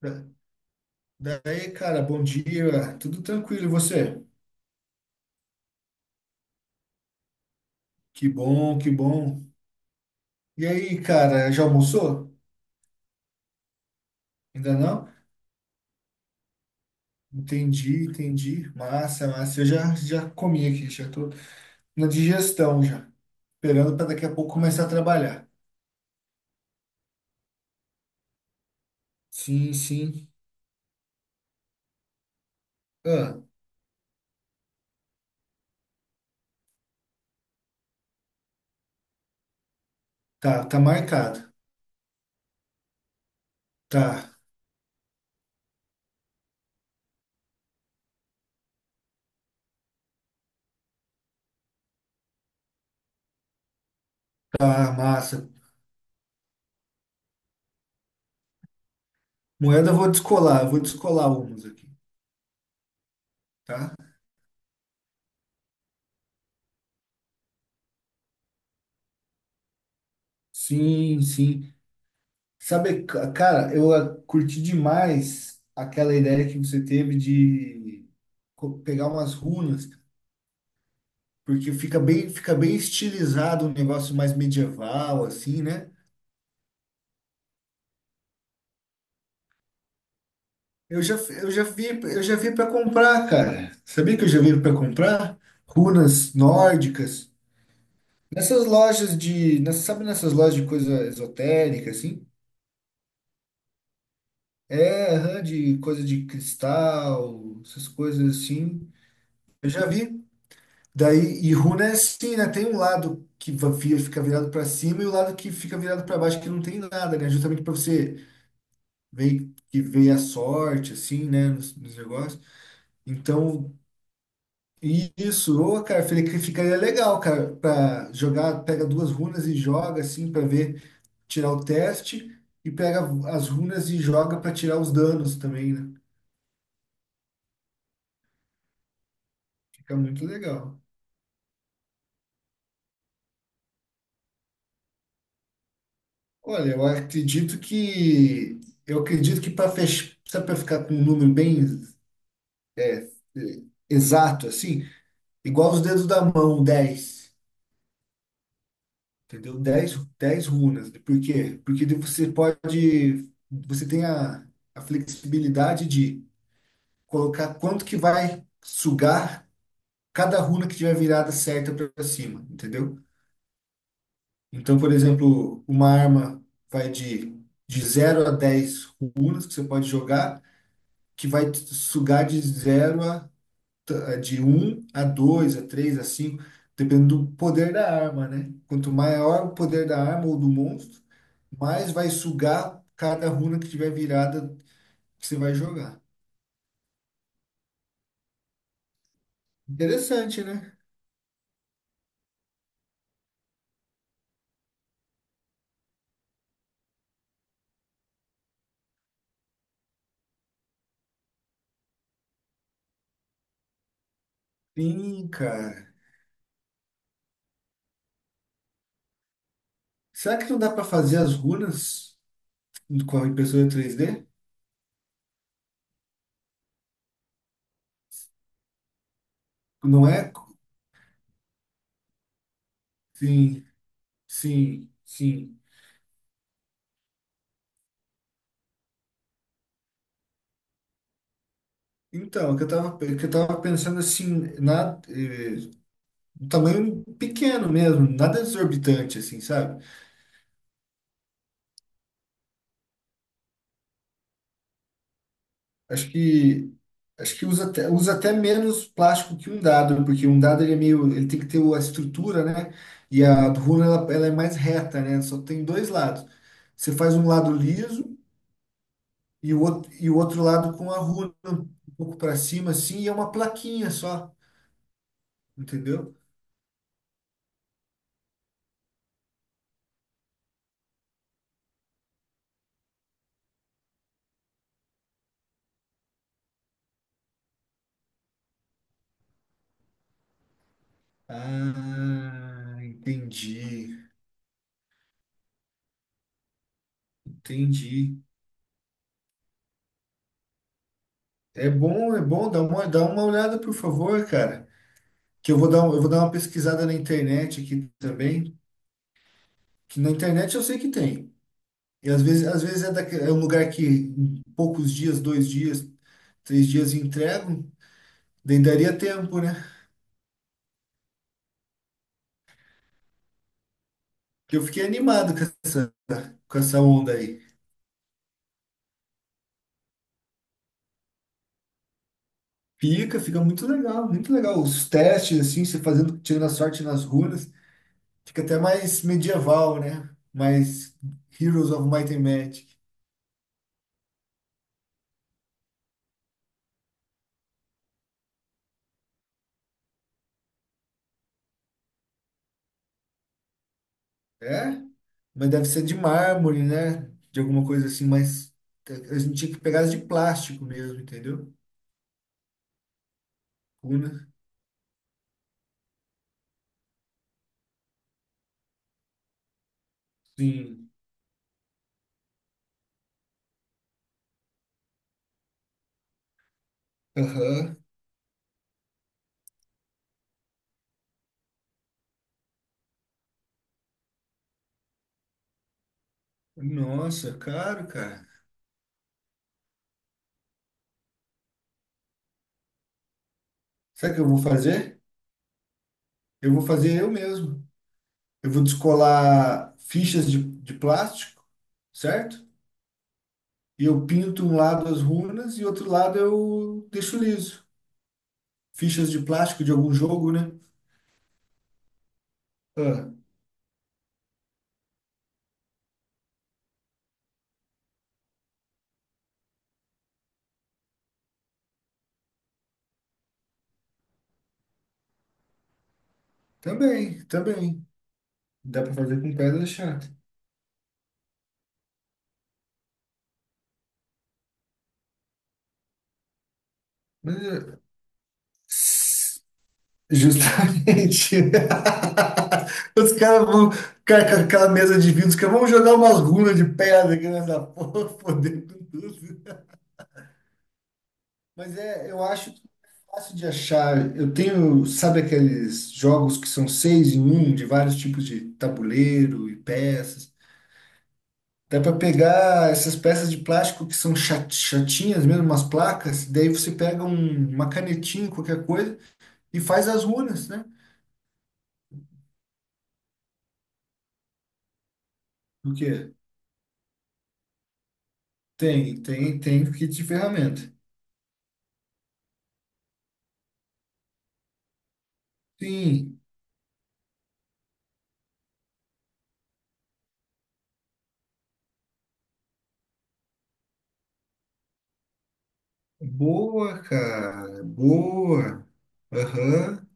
Da- Daí, cara, bom dia, tudo tranquilo, e você? Que bom, que bom. E aí, cara, já almoçou? Ainda não? Entendi, entendi. Massa, massa. Eu já comi aqui, já tô na digestão já. Esperando para daqui a pouco começar a trabalhar. Sim, sim. Ah, tá, tá marcado. Tá, tá, massa. Moeda eu vou descolar umas aqui, tá? Sim, sim. Sabe, cara, eu curti demais aquela ideia que você teve de pegar umas runas, porque fica bem estilizado um negócio mais medieval assim, né? Eu já vi para comprar, cara. Sabia que eu já vi para comprar runas nórdicas nessas lojas de, nessa- sabe, nessas lojas de coisa esotérica assim? É, aham, de coisa de cristal, essas coisas assim. Eu já vi. Daí, e runa é assim, né? Tem um lado que fica virado para cima e o lado que fica virado para baixo, que não tem nada, né? Justamente para você ver que veio a sorte, assim, né? Nos negócios. Então, e isso, ô, cara, falei que ficaria legal, cara, para jogar, pega duas runas e joga, assim, para ver, tirar o teste, e pega as runas e joga para tirar os danos também, né? Fica muito legal. Olha, eu acredito que. Eu acredito que para fechar, para ficar com um número bem é, é, exato, assim, igual os dedos da mão, 10, entendeu? Dez runas. Por quê? Porque daí você tem a flexibilidade de colocar quanto que vai sugar cada runa que tiver virada certa para cima, entendeu? Então, por exemplo, uma arma vai de zero a 10 runas que você pode jogar, que vai sugar de zero a de um a 2 a 3 a 5 dependendo do poder da arma, né? Quanto maior o poder da arma ou do monstro, mais vai sugar cada runa que tiver virada que você vai jogar. Interessante, né? Sim, cara. Será que não dá para fazer as runas com a impressora 3D? Não é? Sim, sim, sim. Então, o que eu tava pensando assim, um tamanho pequeno mesmo, nada exorbitante, assim, sabe? Acho que acho que usa até menos plástico que um dado, porque um dado ele é meio, ele tem que ter a estrutura, né? E a runa ela é mais reta, né? Só tem dois lados. Você faz um lado liso e o outro lado com a runa um pouco para cima assim, e é uma plaquinha só, entendeu? Ah, entendi. Entendi. É bom, dá uma olhada, por favor, cara. Que eu vou dar uma pesquisada na internet aqui também. Na internet eu sei que tem. E às vezes é, é um lugar que em poucos dias, 2 dias, 3 dias entregam, daí daria tempo, né? Porque eu fiquei animado com essa onda aí. Fica muito legal, muito legal. Os testes, assim, você fazendo, tirando a sorte nas runas, fica até mais medieval, né? Mais Heroes of Might and Magic. É? Mas deve ser de mármore, né? De alguma coisa assim, mais. A gente tinha que pegar as de plástico mesmo, entendeu? Runa. Sim. Aham. Nossa, caro, cara. Sabe o que eu vou fazer? Eu vou fazer eu mesmo. Eu vou descolar fichas de plástico, certo? E eu pinto um lado as runas e outro lado eu deixo liso. Fichas de plástico de algum jogo, né? Ah, também, também. Dá pra fazer com pedra chata. Mas, eh, justamente. Os caras vão. Cara, com aquela mesa de vidro, os caras vão jogar umas runas de pedra aqui nessa porra, fodendo tudo. Mas é, eu acho que é fácil de achar. Eu tenho, sabe aqueles jogos que são seis em um, de vários tipos de tabuleiro e peças. Dá para pegar essas peças de plástico que são chatinhas mesmo, umas placas, daí você pega uma canetinha, qualquer coisa, e faz as runas, né? Porque. Tem kit de ferramenta. Sim, boa, cara, boa. Aham.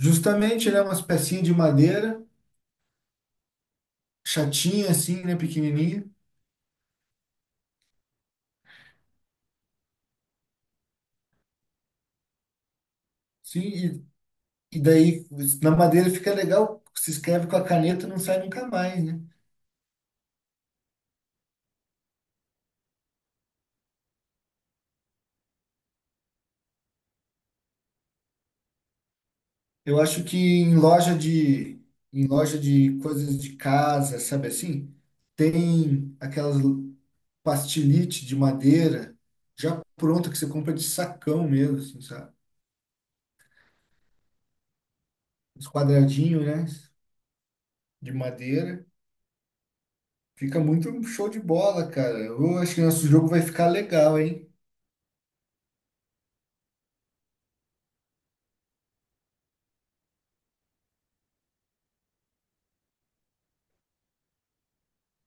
Justamente, né, umas pecinhas de madeira, chatinha assim, né, pequenininha. Sim, e daí na madeira fica legal, se escreve com a caneta, não sai nunca mais, né? Eu acho que em loja de coisas de casa, sabe assim, tem aquelas pastilite de madeira já pronta que você compra de sacão mesmo, assim, sabe? Os quadradinhos, né? De madeira. Fica muito um show de bola, cara. Eu acho que nosso jogo vai ficar legal, hein?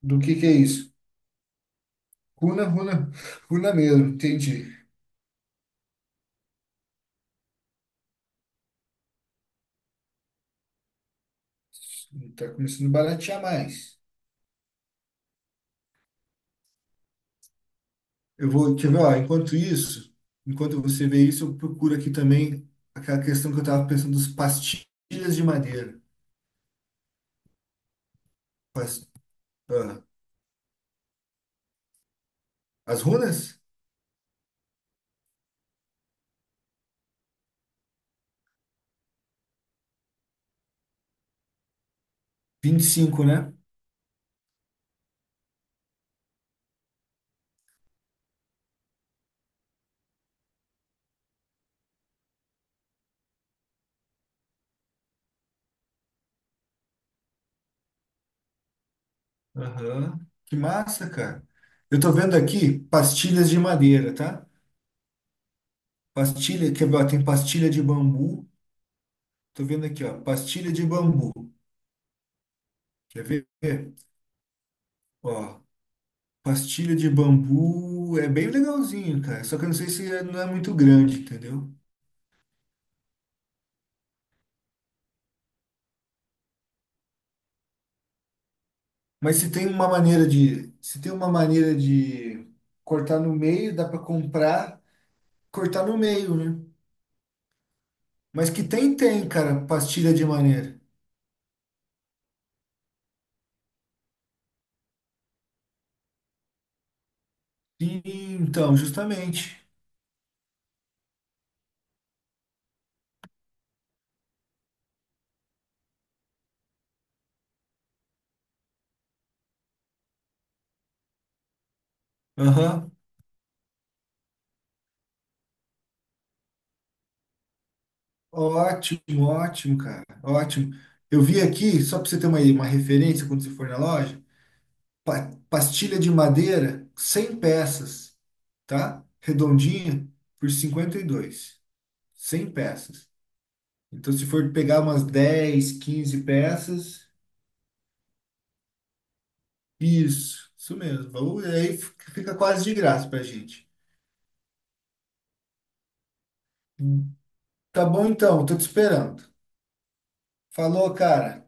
Do que é isso? Runa, runa, runa mesmo, entendi. Tá começando a baratear mais. Eu vou, quer ver, ó, enquanto isso, enquanto você vê isso, eu procuro aqui também aquela questão que eu tava pensando dos pastilhas de madeira. Pas- ah, as runas? 25, né? Aham. Que massa, cara. Eu tô vendo aqui pastilhas de madeira, tá? Pastilha, quer ver? Ó, tem pastilha de bambu. Tô vendo aqui, ó. Pastilha de bambu. Quer ver? Ó, pastilha de bambu é bem legalzinho, cara. Só que eu não sei se é- não é muito grande, entendeu? Mas se tem uma maneira de, se tem uma maneira de cortar no meio, dá pra comprar, cortar no meio, né? Mas que tem, cara, pastilha de maneira. Sim, então, justamente. Aham. Ótimo, ótimo, cara. Ótimo. Eu vi aqui, só para você ter uma referência quando você for na loja, pastilha de madeira, 100 peças, tá? Redondinha, por 52. 100 peças. Então, se for pegar umas 10, 15 peças, isso, isso mesmo. Aí fica quase de graça pra gente. Tá bom então, tô te esperando. Falou, cara.